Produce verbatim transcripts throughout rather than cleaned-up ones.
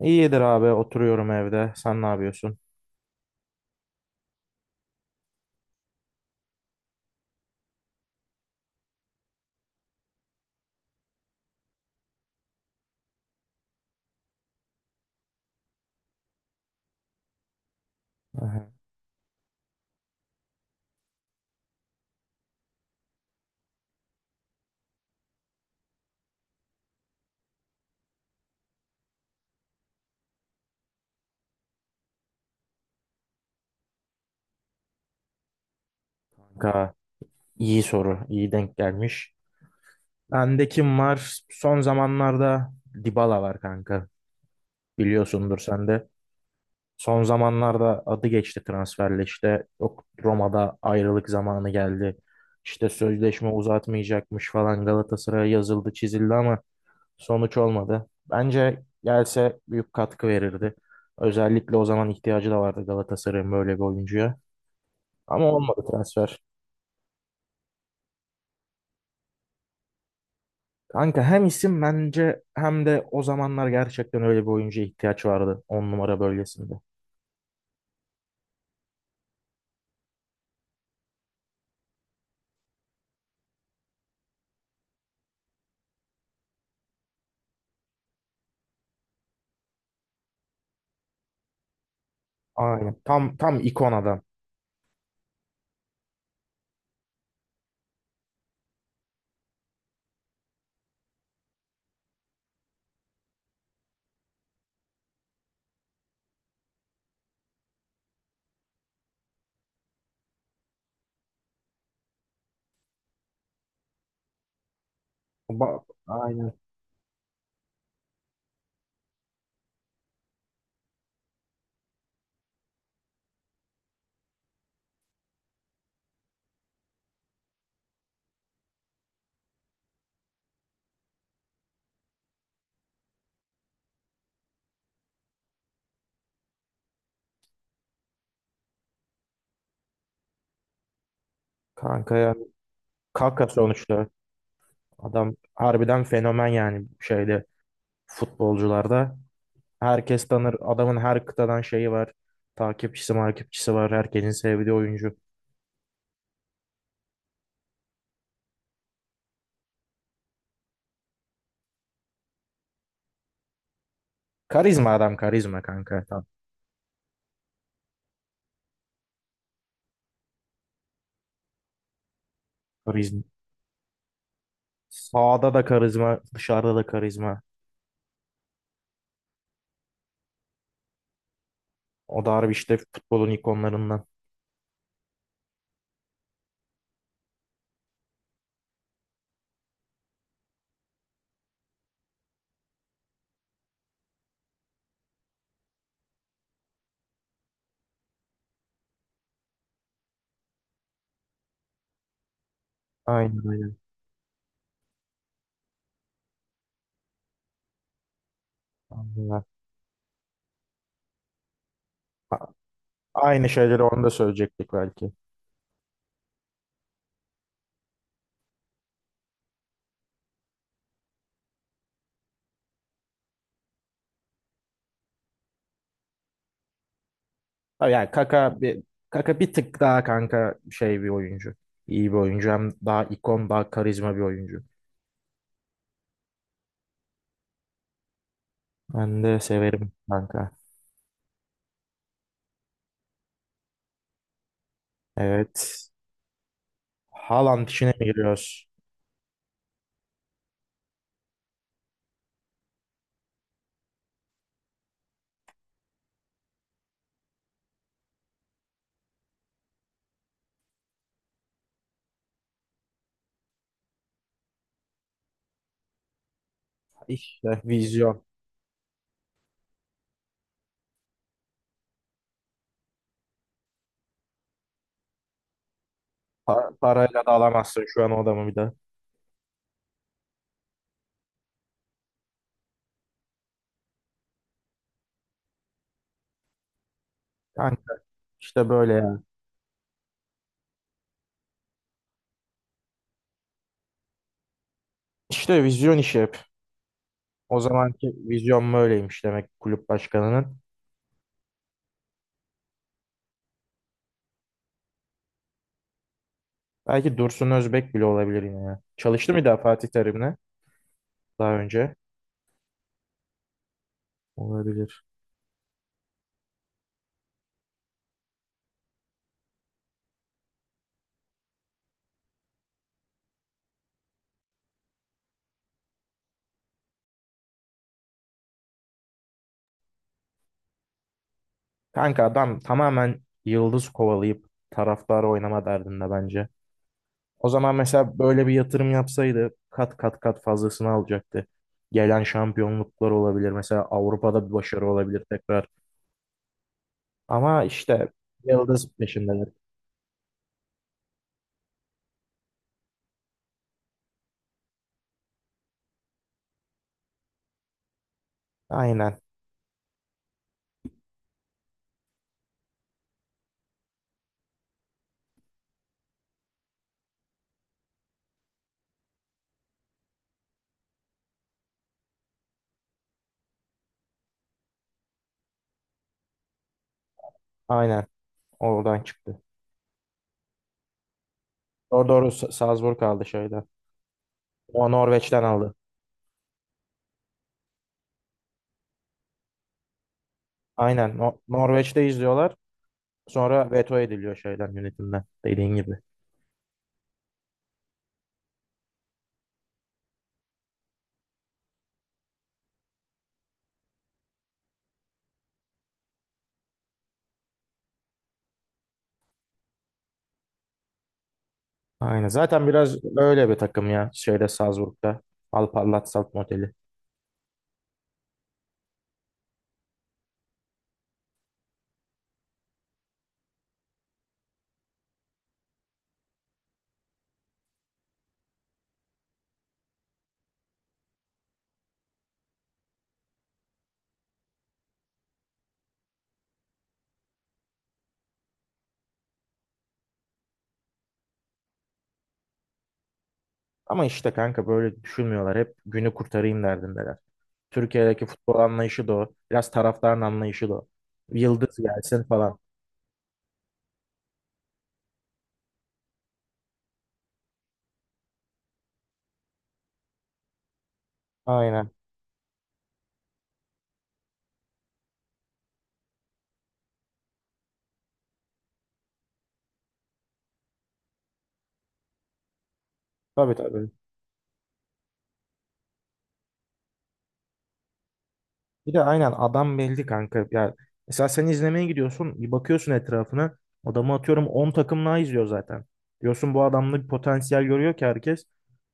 İyidir abi, oturuyorum evde. Sen ne yapıyorsun? Aha. Kanka, iyi soru. İyi denk gelmiş. Bende kim var? Son zamanlarda Dybala var kanka. Biliyorsundur sen de. Son zamanlarda adı geçti transferle işte. Yok, Roma'da ayrılık zamanı geldi. İşte sözleşme uzatmayacakmış falan, Galatasaray'a yazıldı çizildi ama sonuç olmadı. Bence gelse büyük katkı verirdi. Özellikle o zaman ihtiyacı da vardı Galatasaray'ın böyle bir oyuncuya. Ama olmadı transfer. Kanka hem isim bence hem de o zamanlar gerçekten öyle bir oyuncuya ihtiyaç vardı on numara bölgesinde. Aynen. Tam tam ikon adam. Ba- Aynen. Kanka yani Kaka sonuçta adam harbiden fenomen, yani şeyde futbolcularda. Herkes tanır. Adamın her kıtadan şeyi var. Takipçisi, takipçisi var. Herkesin sevdiği oyuncu. Karizma adam, karizma kanka. Tam karizma. Sağda da karizma, dışarıda da karizma. O da harbi işte futbolun ikonlarından. Aynen, aynen. Aynen. A- Aynı şeyleri onu da söyleyecektik belki. Ha, yani Kaka bir, Kaka bir tık daha kanka şey bir oyuncu. İyi bir oyuncu. Hem daha ikon, daha karizma bir oyuncu. Ben de severim kanka. Evet. Haaland işine mi giriyoruz? İşte vizyon. Pa- parayla da alamazsın şu an o adamı bir de. Kanka işte böyle ya. İşte vizyon işi hep. O zamanki vizyon böyleymiş demek kulüp başkanının. Belki Dursun Özbek bile olabilir yine ya. Çalıştı mı daha Fatih Terim'le? Daha önce. Olabilir. Kanka adam tamamen yıldız kovalayıp taraftar oynama derdinde bence. O zaman mesela böyle bir yatırım yapsaydı kat kat kat fazlasını alacaktı. Gelen şampiyonluklar olabilir. Mesela Avrupa'da bir başarı olabilir tekrar. Ama işte yıldız peşindeler. Aynen. Aynen. Oradan çıktı. Doğru, doğru. Sa- Salzburg aldı şeyden. O Norveç'ten aldı. Aynen. No- Norveç'te izliyorlar. Sonra veto ediliyor şeyden, yönetimden. Dediğin gibi. Aynen. Zaten biraz öyle bir takım ya şeyde, Salzburg'da. Alparlat Salt modeli. Ama işte kanka böyle düşünmüyorlar. Hep günü kurtarayım derdindeler. Türkiye'deki futbol anlayışı da o. Biraz taraftarın anlayışı da o. Yıldız gelsin falan. Aynen. Tabii, tabii. Bir de aynen adam belli kanka. Ya mesela sen izlemeye gidiyorsun, bir bakıyorsun etrafına. Adamı atıyorum on takım daha izliyor zaten. Diyorsun bu adamda bir potansiyel görüyor ki herkes.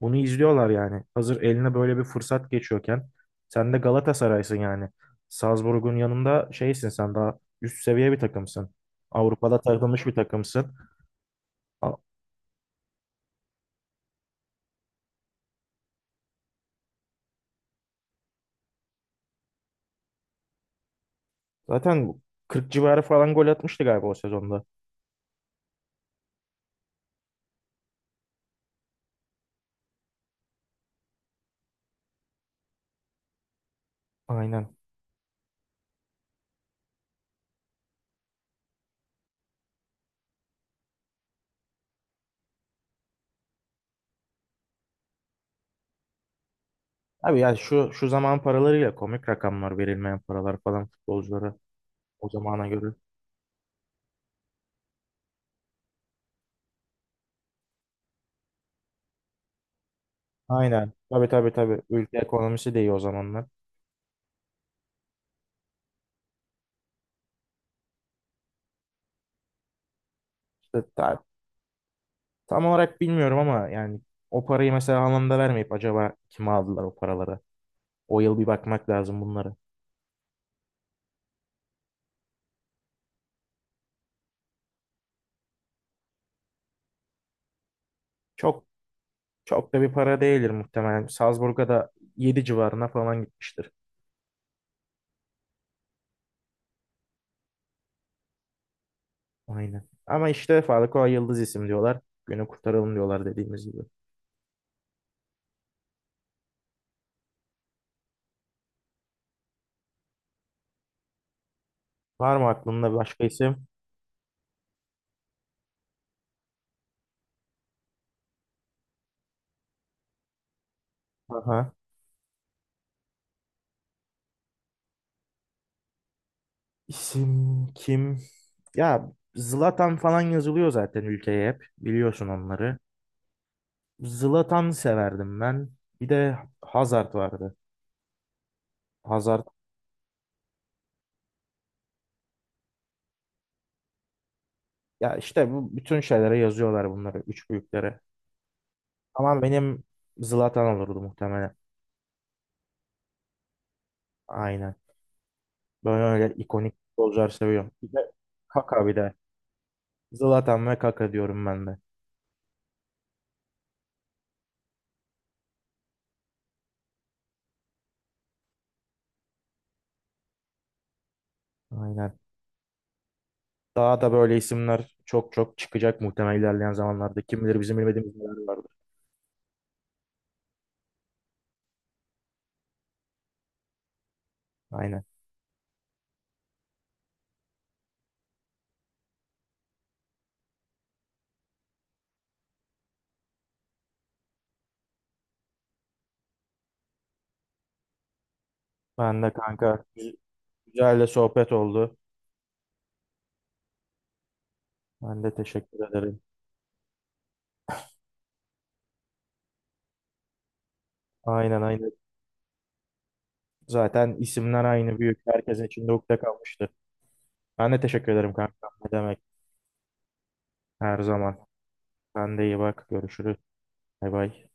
Bunu izliyorlar yani. Hazır eline böyle bir fırsat geçiyorken. Sen de Galatasaray'sın yani. Salzburg'un yanında şeysin, sen daha üst seviye bir takımsın. Avrupa'da tanınmış bir takımsın. A- Zaten kırk civarı falan gol atmıştı galiba o sezonda. Aynen. Abi ya, şu şu zaman paralarıyla komik rakamlar verilmeyen paralar falan futbolculara. O zamana göre. Aynen. Tabii, tabii, tabii. Ülke ekonomisi de iyi o zamanlar. İşte ta- tam olarak bilmiyorum ama yani o parayı mesela anlamda vermeyip acaba kime aldılar o paraları? O yıl bir bakmak lazım bunlara. Çok çok da bir para değildir muhtemelen. Salzburg'a da yedi civarına falan gitmiştir. Aynen. Ama işte Falcao yıldız isim diyorlar. Günü kurtaralım diyorlar, dediğimiz gibi. Var mı aklında başka isim? Aha. İsim kim? Ya Zlatan falan yazılıyor zaten ülkeye hep. Biliyorsun onları. Zlatan severdim ben. Bir de Hazard vardı. Hazard. Ya işte bu bütün şeylere yazıyorlar bunları. Üç büyüklere. Ama benim Zlatan olurdu muhtemelen. Aynen. Böyle öyle ikonik futbolcular seviyorum. Bir de Kaka bir de. Zlatan ve Kaka diyorum ben de. Aynen. Daha da böyle isimler çok çok çıkacak muhtemelen ilerleyen zamanlarda. Kim bilir bizim bilmediğimiz neler vardır. Aynen. Ben de kanka. gü- Güzel de sohbet oldu. Ben de teşekkür ederim. Aynen, aynen. Zaten isimler aynı büyük. Herkesin içinde ukde kalmıştı. Ben de teşekkür ederim kanka. Ne demek, her zaman. Sen de iyi bak. Görüşürüz. Bay bay.